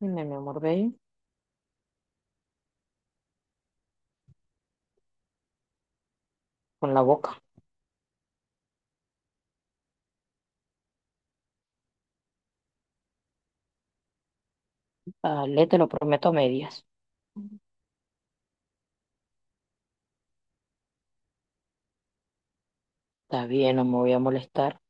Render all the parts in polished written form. Dime, mi amor, bello, con la boca. Dale, te lo prometo a medias. Está bien, no me voy a molestar.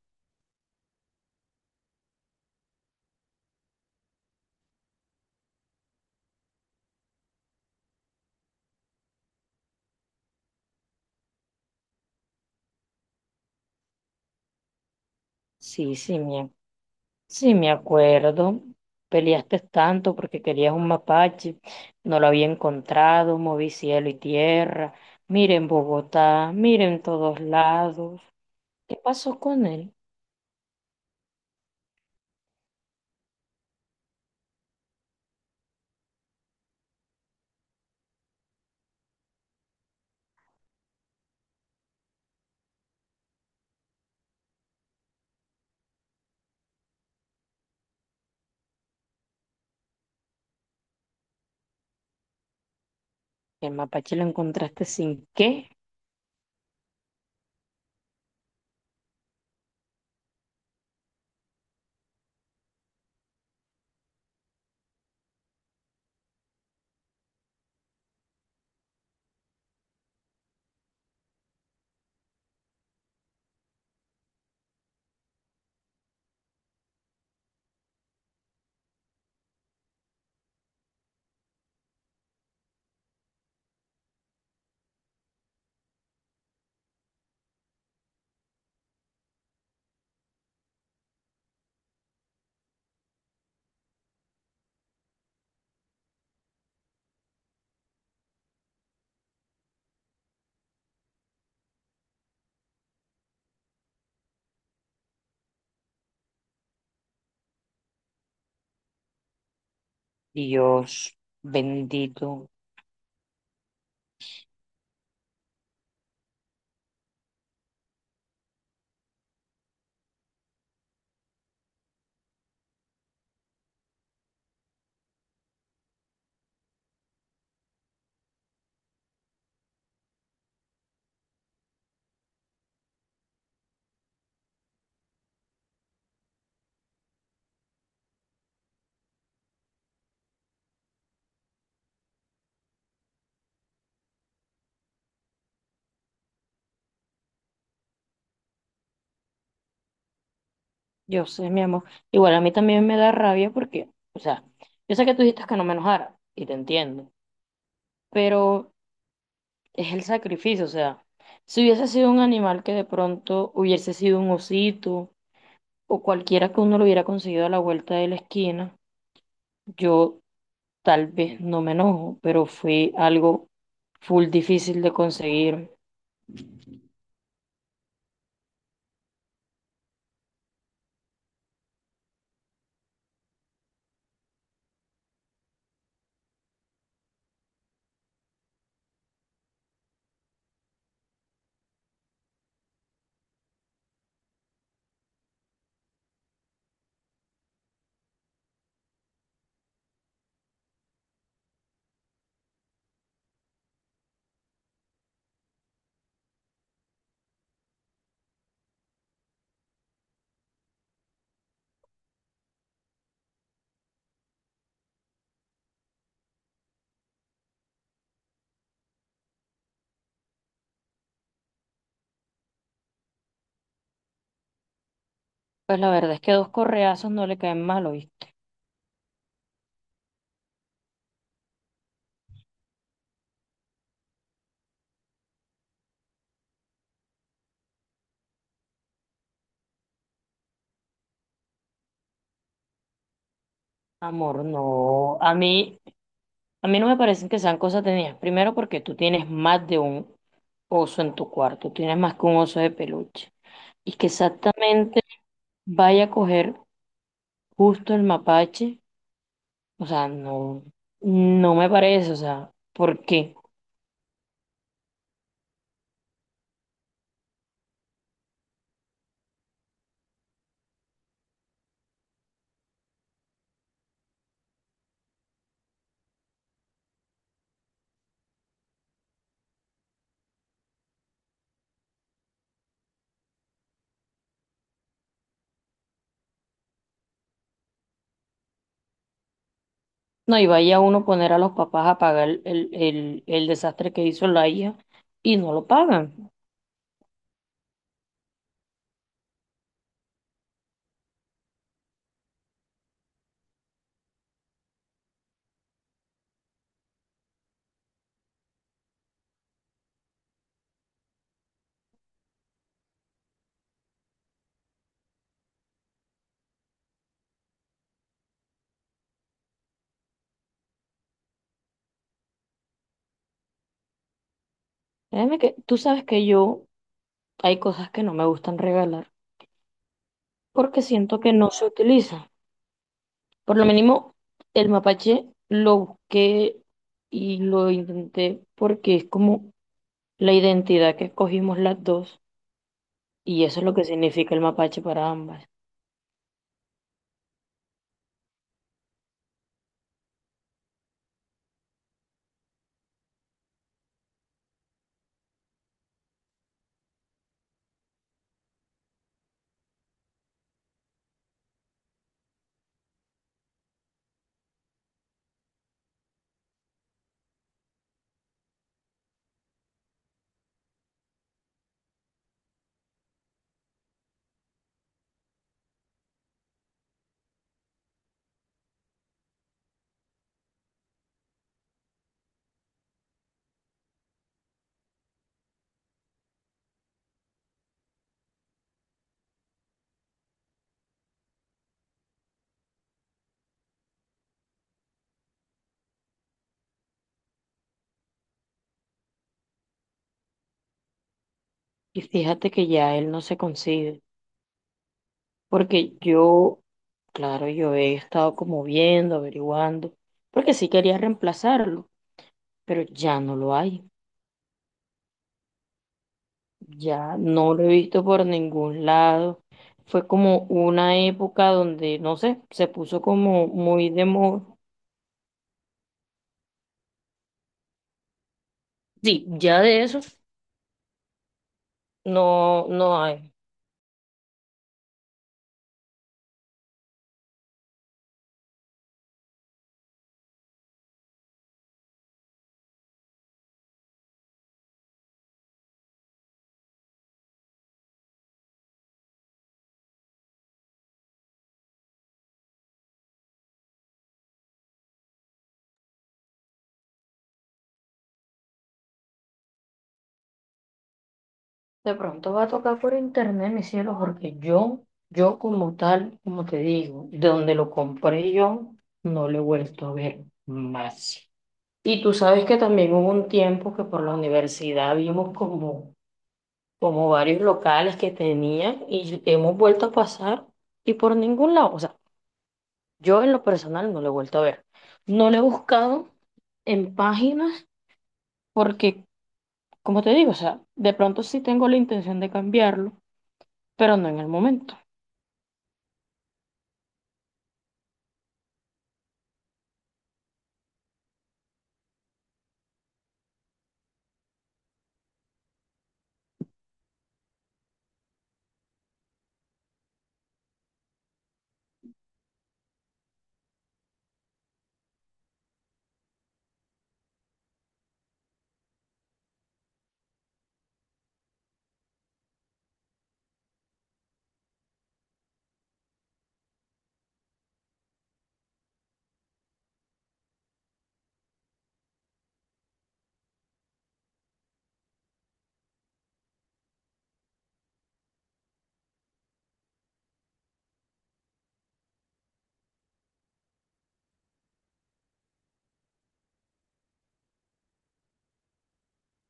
Sí, sí, me, sí, me acuerdo. Peleaste tanto porque querías un mapache. No lo había encontrado, moví cielo y tierra. Miren Bogotá, miren todos lados. ¿Qué pasó con él? El mapache lo encontraste sin qué. Dios bendito. Yo sé, mi amor. Igual a mí también me da rabia porque, o sea, yo sé que tú dijiste que no me enojara y te entiendo, pero es el sacrificio, o sea, si hubiese sido un animal que de pronto hubiese sido un osito o cualquiera que uno lo hubiera conseguido a la vuelta de la esquina, yo tal vez no me enojo, pero fue algo full difícil de conseguir. Pues la verdad es que dos correazos no le caen mal, ¿oíste? Amor, no. A mí no me parecen que sean cosas tenías. Primero porque tú tienes más de un oso en tu cuarto, tienes más que un oso de peluche. Y que exactamente vaya a coger justo el mapache, o sea, no, no me parece, o sea, ¿por qué? No, y vaya uno a poner a los papás a pagar el desastre que hizo la hija y no lo pagan. Créeme que tú sabes que yo hay cosas que no me gustan regalar porque siento que no se utilizan. Por lo mínimo, el mapache lo busqué y lo intenté porque es como la identidad que escogimos las dos y eso es lo que significa el mapache para ambas. Y fíjate que ya él no se consigue porque yo, claro, yo he estado como viendo, averiguando, porque sí quería reemplazarlo, pero ya no lo hay, ya no lo he visto por ningún lado. Fue como una época donde, no sé, se puso como muy de moda. Sí, ya de eso no, no hay. De pronto va a tocar por internet, mi cielo, porque yo como tal, como te digo, de donde lo compré yo, no lo he vuelto a ver más. Y tú sabes que también hubo un tiempo que por la universidad vimos como, como varios locales que tenían y hemos vuelto a pasar y por ningún lado, o sea, yo en lo personal no lo he vuelto a ver. No lo he buscado en páginas porque, como te digo, o sea, de pronto sí tengo la intención de cambiarlo, pero no en el momento.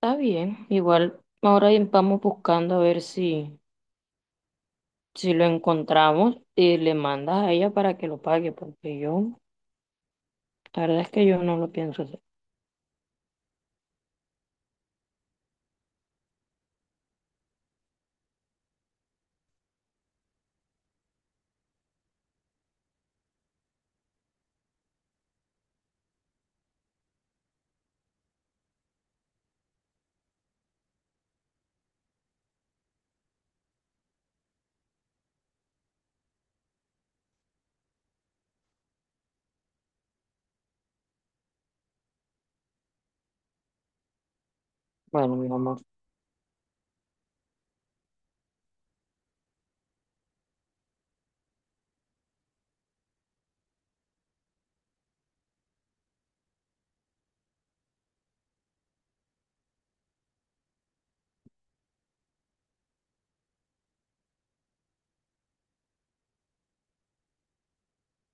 Está bien, igual ahora vamos buscando a ver si, si lo encontramos y le mandas a ella para que lo pague, porque yo, la verdad es que yo no lo pienso hacer. Bueno, mi amor,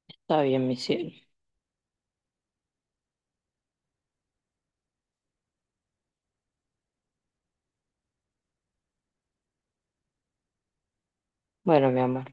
está bien, mi cielo. Bueno, mi amor.